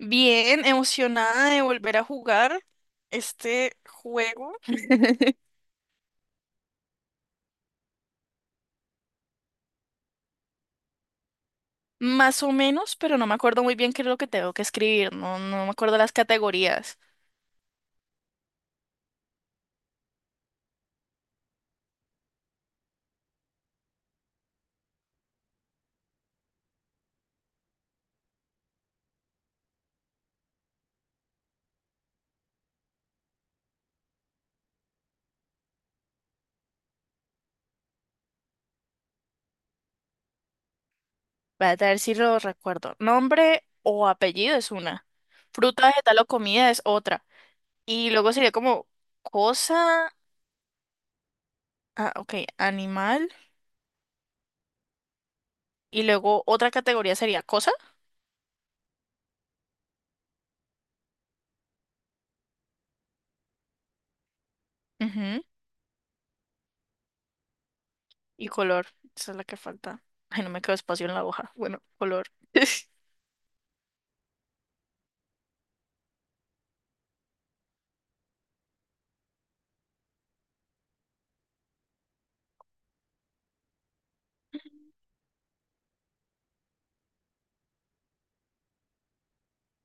Bien, emocionada de volver a jugar este juego, más o menos, pero no me acuerdo muy bien qué es lo que tengo que escribir, no, no me acuerdo las categorías. Voy a ver si lo recuerdo. Nombre o apellido es una. Fruta, vegetal o comida es otra. Y luego sería como cosa, ah, ok, animal. Y luego otra categoría sería cosa. Ujú. Y color, esa es la que falta. Ay, no me quedó espacio en la hoja. Bueno, color.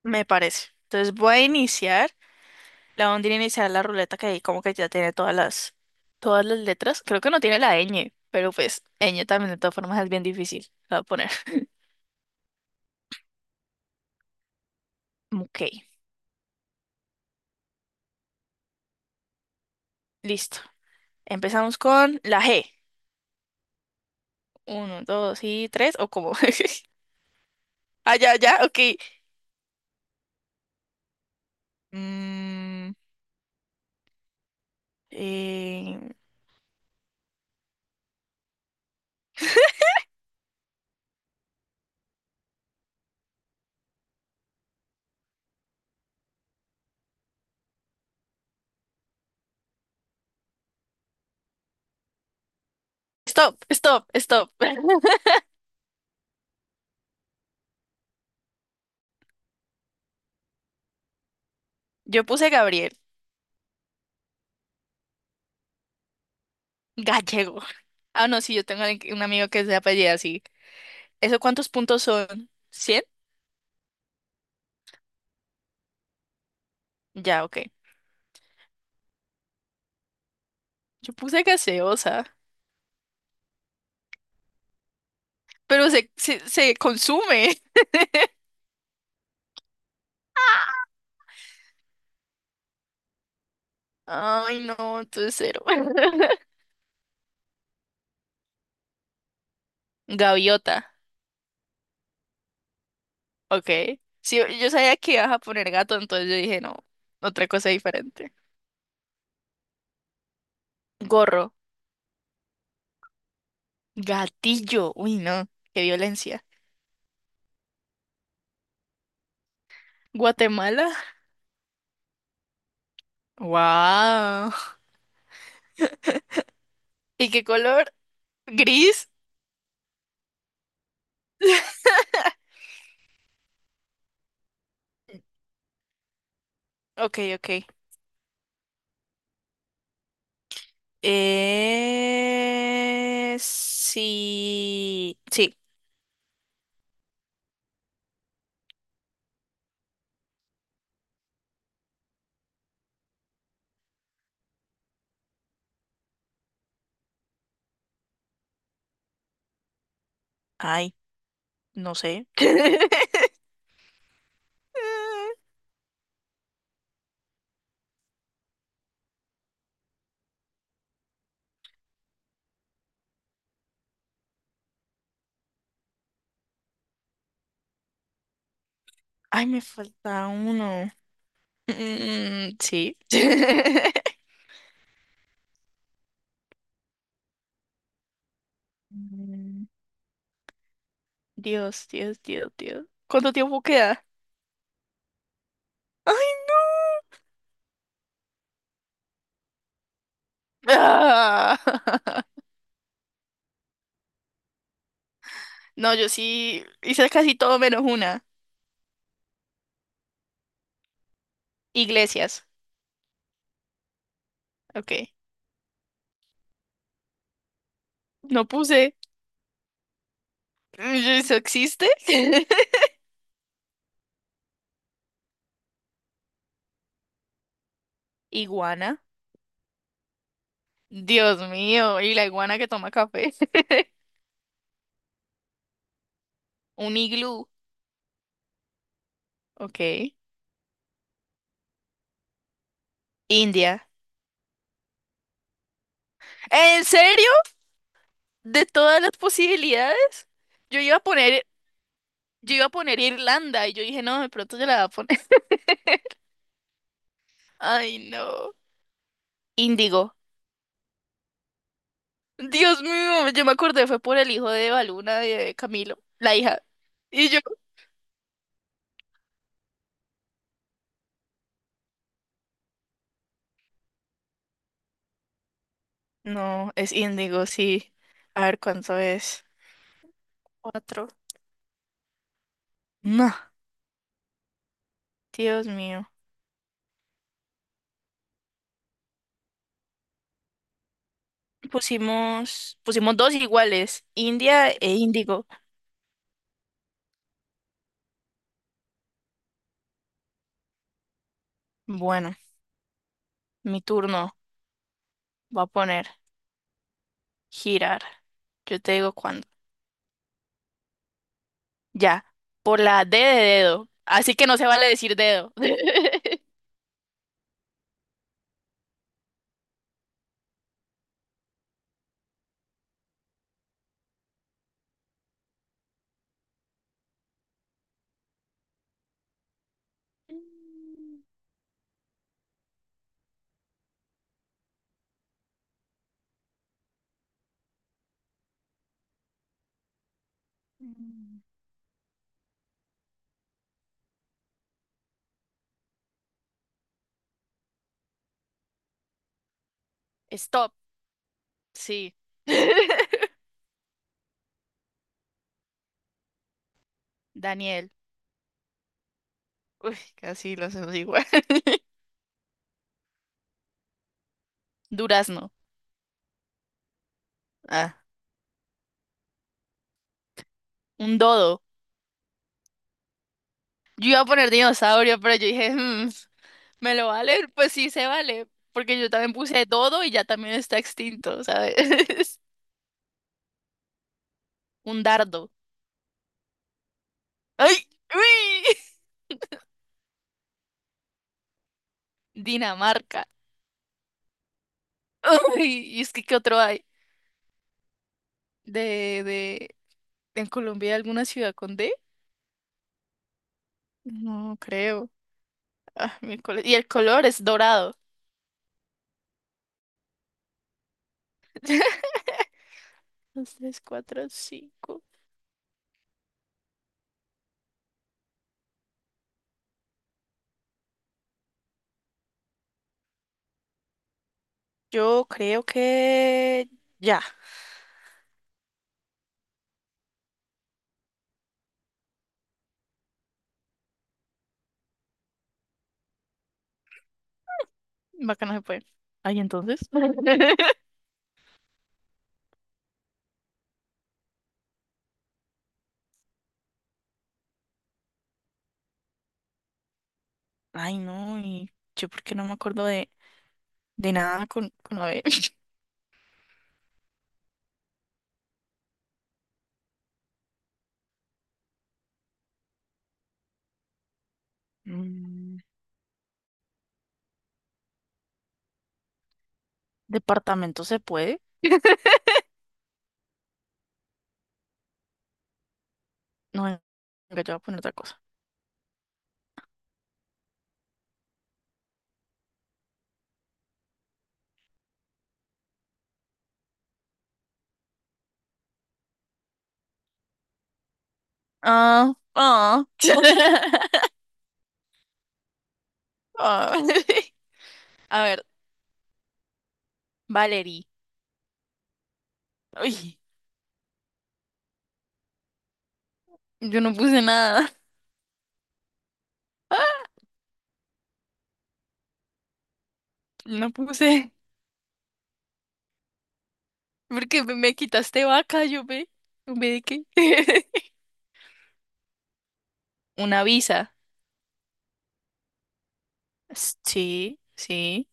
Me parece. Entonces voy a iniciar. La ondina inicial la ruleta que ahí como que ya tiene todas las letras. Creo que no tiene la ñ, pero pues ñ también de todas formas es bien difícil. La voy a poner. Ok, listo. Empezamos con la G. Uno, dos y tres, o como. Ah, ya, ya, ok. Mm, eh, Stop, stop, stop. Yo puse Gabriel. Gallego. Ah, no, sí, yo tengo un amigo que se apellida así. ¿Eso cuántos puntos son? ¿100? Ya, ok. Yo puse gaseosa. Pero se consume. Ay, no, entonces cero. Gaviota, ok. Sí, yo sabía que ibas a poner gato, entonces yo dije, no, otra cosa diferente. Gorro, gatillo, uy, no, qué violencia. Guatemala, wow. ¿Y qué color? Gris, ok, ok. Sí, sí, ay, no sé. Ay, me falta uno. Mm, sí. Mm, Dios, Dios, Dios, Dios. ¿Cuánto tiempo queda? ¡Ay! ¡Ah! No, yo sí hice casi todo menos una. Iglesias. Ok. No puse. ¿Eso existe? Iguana. Dios mío. Y la iguana que toma café. Un iglú. Ok. India. ¿En serio? De todas las posibilidades, yo iba a poner, yo iba a poner Irlanda y yo dije, no, de pronto yo la voy a poner. Ay, no. Índigo. Dios mío, yo me acordé, fue por el hijo de Baluna de Camilo, la hija. Y yo. No, es Índigo, sí. A ver cuánto es. Cuatro. No, Dios mío. Pusimos dos iguales, India e Índigo. Bueno, mi turno. Voy a poner girar. Yo te digo cuándo. Ya, por la D de dedo. Así que no se vale decir dedo. Stop, sí. Daniel. Uy, casi lo hacemos igual. Durazno. Ah, un dodo. Yo iba a poner dinosaurio, pero yo dije, "Mm, ¿me lo vale?". Pues sí, se vale. Porque yo también puse dodo y ya también está extinto, ¿sabes? Un dardo. ¡Ay! ¡Uy! Dinamarca. ¡Uy! ¿Y es que qué otro hay? De, de, ¿En Colombia hay alguna ciudad con D? No creo. Ah, miércoles. Y el color es dorado. Dos, tres, cuatro, cinco. Yo creo que ya. Vaca no se puede. Ay, entonces. Ay, no, y yo porque no me acuerdo de nada con la B. Mm, Departamento se puede. No, venga, yo voy a poner otra cosa. Ah, ah. Ah. A ver, Valerie. Uy, yo no puse nada. No puse. Porque me quitaste vaca, yo ve. ¿Ve de qué? Una visa. Sí, sí.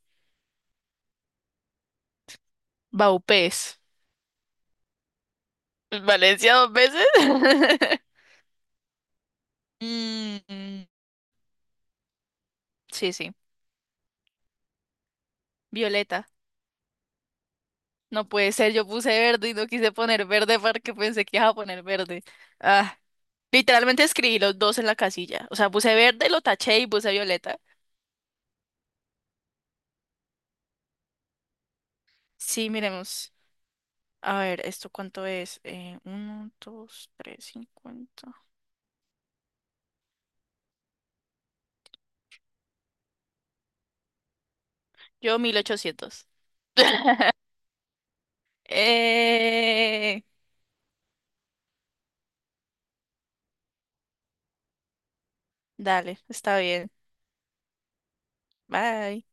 Baupés. Valencia dos veces. Mm, mm, sí, sí. Violeta. No puede ser, yo puse verde y no quise poner verde porque pensé que iba a poner verde. Ah, literalmente escribí los dos en la casilla. O sea, puse verde, lo taché y puse violeta. Sí, miremos. A ver, ¿esto cuánto es? Uno, dos, tres, 50. Yo, 1.800. Eh, dale, está bien. Bye.